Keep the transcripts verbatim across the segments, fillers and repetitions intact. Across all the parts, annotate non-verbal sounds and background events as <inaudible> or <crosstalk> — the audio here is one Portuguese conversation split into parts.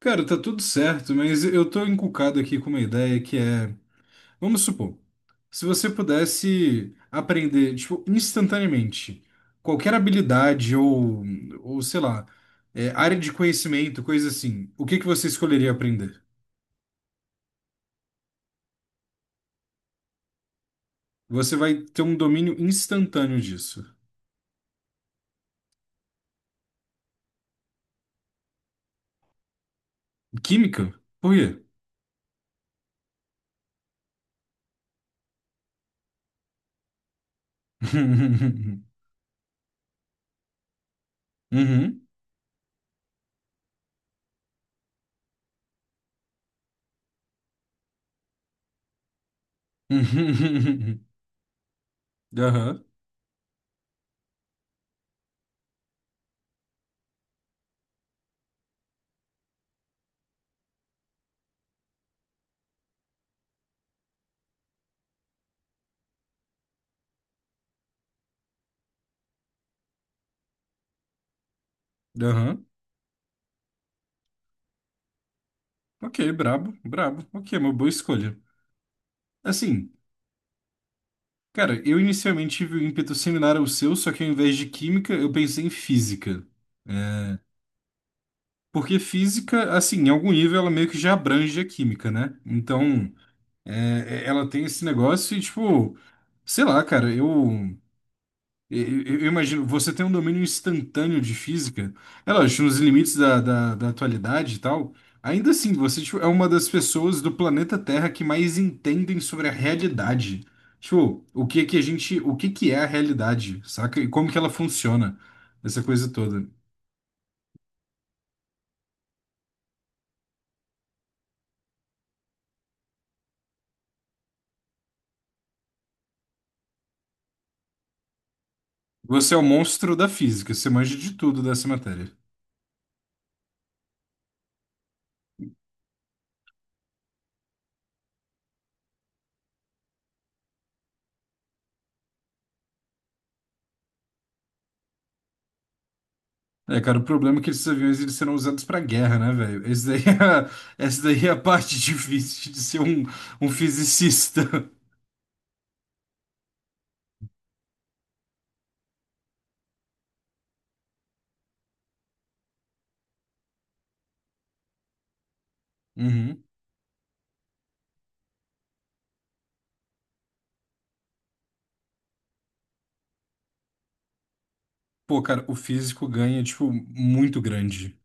Cara, tá tudo certo, mas eu tô encucado aqui com uma ideia que é, vamos supor, se você pudesse aprender, tipo, instantaneamente, qualquer habilidade ou, ou sei lá, é, área de conhecimento, coisa assim, o que que você escolheria aprender? Você vai ter um domínio instantâneo disso. Química? Por quê? <laughs> Uhum. Uhum. <laughs> Aham, aham. Ok, brabo, brabo. Ok, uma boa escolha. Assim. Cara, eu inicialmente tive um ímpeto similar ao seu, só que ao invés de química, eu pensei em física. Porque física, assim, em algum nível ela meio que já abrange a química, né? Então, é, é- ela tem esse negócio e, tipo, sei lá, cara, eu. E- Eu eu imagino, você tem um domínio instantâneo de física, é lógico, nos limites da, da, da atualidade e tal. Ainda assim, você tipo, é uma das pessoas do planeta Terra que mais entendem sobre a realidade. Tipo, o que é que a gente, o que que é a realidade, saca? E como que ela funciona, essa coisa toda. Você é o monstro da física, você manja de tudo dessa matéria. É, cara, o problema é que esses aviões eles serão usados pra guerra, né, velho? Esse daí é, <laughs> a- essa daí é a parte <laughs> difícil de ser um, um fisicista. Uhum. Pô, cara, o físico ganha, tipo, muito grande.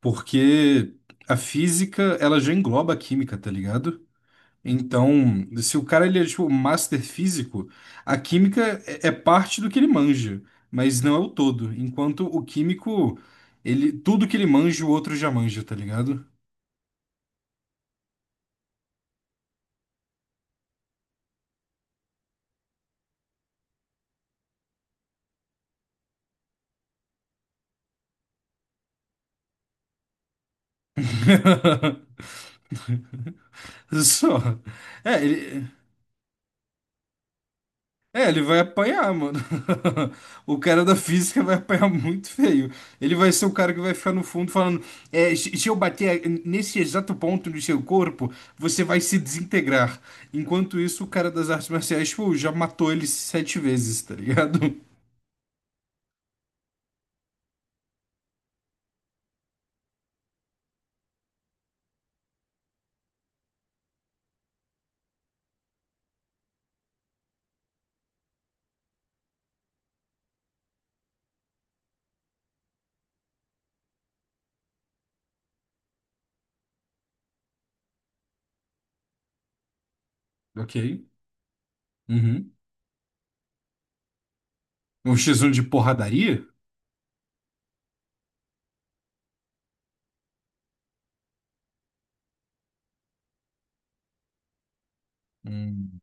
Porque a física, ela já engloba a química, tá ligado? Então, se o cara, ele é, tipo, master físico, a química é é parte do que ele manja, mas não é o todo. Enquanto o químico, ele, tudo que ele manja, o outro já manja, tá ligado? <laughs> Só. É, ele. É, ele vai apanhar, mano. <laughs> O cara da física vai apanhar muito feio. Ele vai ser o cara que vai ficar no fundo falando: é, se se eu bater nesse exato ponto do seu corpo, você vai se desintegrar. Enquanto isso, o cara das artes marciais, tipo, já matou ele sete vezes, tá ligado? <laughs> Ok. Uhum. Um X um de porradaria? Hum.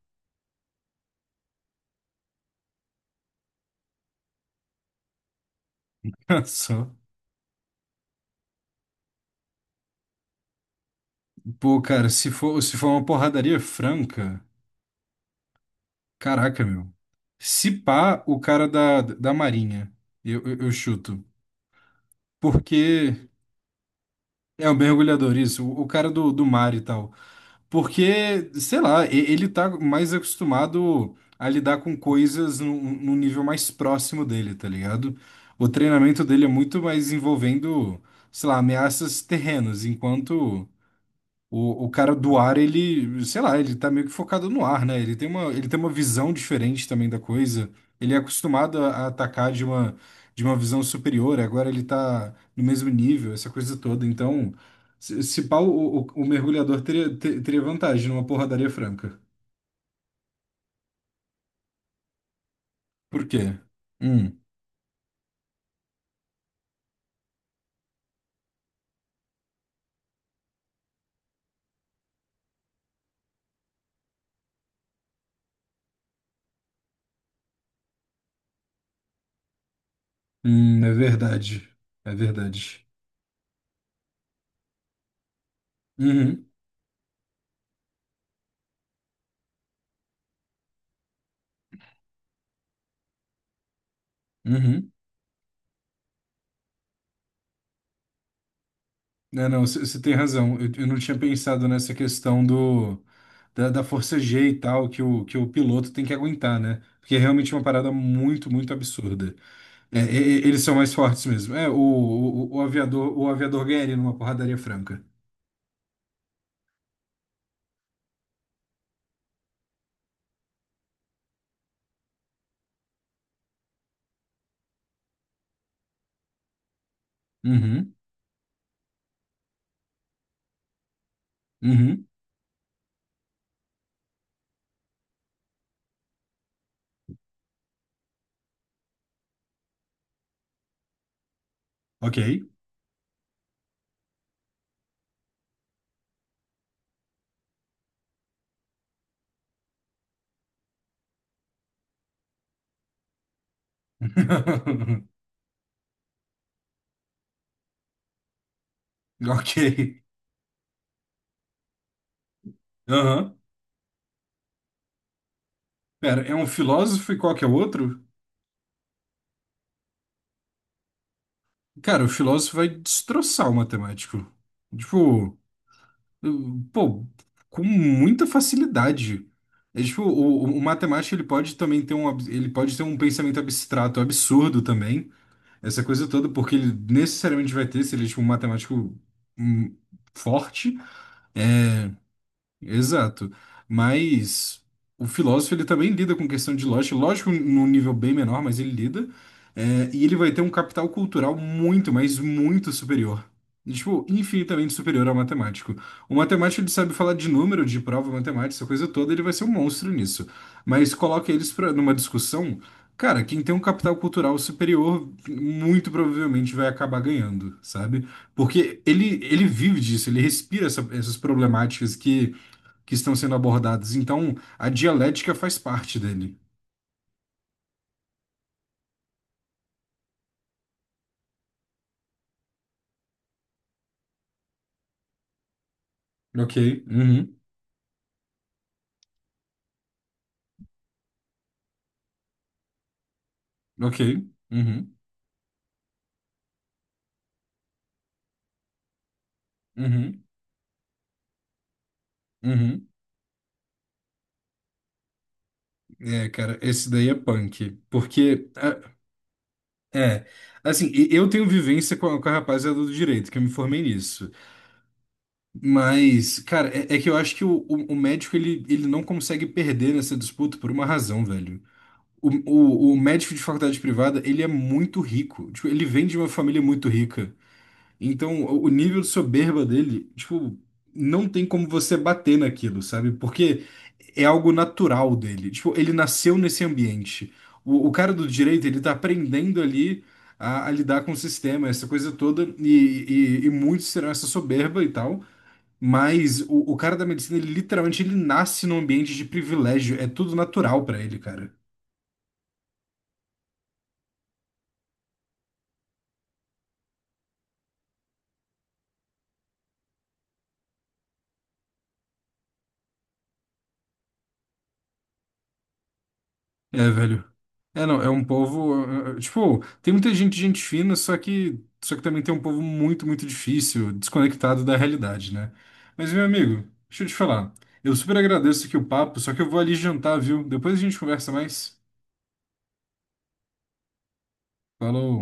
<laughs> Só. Pô, cara, se for, se for uma porradaria franca, caraca, meu. Se pá, o cara da, da Marinha. Eu, eu, eu chuto. Porque é o mergulhador, isso, o o cara do, do mar e tal. Porque, sei lá, e- ele tá mais acostumado a lidar com coisas num, num nível mais próximo dele, tá ligado? O treinamento dele é muito mais envolvendo, sei lá, ameaças terrenas, enquanto o, o cara do ar, ele, sei lá, ele tá meio que focado no ar, né? Ele tem uma, ele tem uma visão diferente também da coisa. Ele é acostumado a, a atacar de uma, de uma visão superior, agora ele tá no mesmo nível, essa coisa toda. Então, se, se pá, o, o, o mergulhador teria, te- teria vantagem numa porradaria franca. Por quê? Hum, hum, é verdade. É verdade. Uhum, uhum. Não, não, você tem razão. Eu, eu não tinha pensado nessa questão do da, da força G e tal que o, que o piloto tem que aguentar, né? Porque é realmente uma parada muito, muito absurda. É, e- e- eles são mais fortes mesmo. É, o, o, o aviador, o aviador ganha ele numa porradaria franca. Uhum, uhum, ok. <laughs> Ok. Aham. Pera, é um filósofo e qual que é o outro? Cara, o filósofo vai destroçar o matemático. Tipo. Pô, com muita facilidade. É tipo, o, o- o matemático ele pode também ter um, ab- ele pode ter um pensamento abstrato, absurdo também, essa coisa toda, porque ele necessariamente vai ter, se ele é tipo, um matemático hum, forte. Exato. Mas o filósofo ele também lida com questão de lógica, lógico, num nível bem menor, mas ele lida. É, e ele vai ter um capital cultural muito, mas muito superior. E, tipo, infinitamente superior ao matemático. O matemático ele sabe falar de número, de prova matemática, essa coisa toda, ele vai ser um monstro nisso. Mas coloca eles pra, numa discussão, cara, quem tem um capital cultural superior muito provavelmente vai acabar ganhando, sabe? Porque ele, ele vive disso, ele respira essa- essas problemáticas que que estão sendo abordados. Então, a dialética faz parte dele. Ok, uhum, ok, uhum, uhum, uhum. É, cara, esse daí é punk. Porque, ah, é, assim, e- eu tenho vivência com a, com a rapaziada do direito, que eu me formei nisso. Mas, cara, é, é que eu acho que o, o, o médico, ele, ele não consegue perder nessa disputa por uma razão, velho. O, o, o médico de faculdade privada, ele é muito rico. Tipo, ele vem de uma família muito rica. Então, o o nível de soberba dele, tipo, não tem como você bater naquilo, sabe? Porque é algo natural dele. Tipo, ele nasceu nesse ambiente. O, o cara do direito, ele tá aprendendo ali a, a lidar com o sistema, essa coisa toda, e, e, e muitos terão essa soberba e tal. Mas o, o cara da medicina, ele literalmente ele nasce num ambiente de privilégio. É tudo natural pra ele, cara. É, velho. É, não, é um povo. eh, eh, Tipo, tem muita gente, gente fina, só que, só que também tem um povo muito, muito difícil, desconectado da realidade, né? Mas, meu amigo, deixa eu te falar. Eu super agradeço aqui o papo, só que eu vou ali jantar, viu? Depois a gente conversa mais. Falou.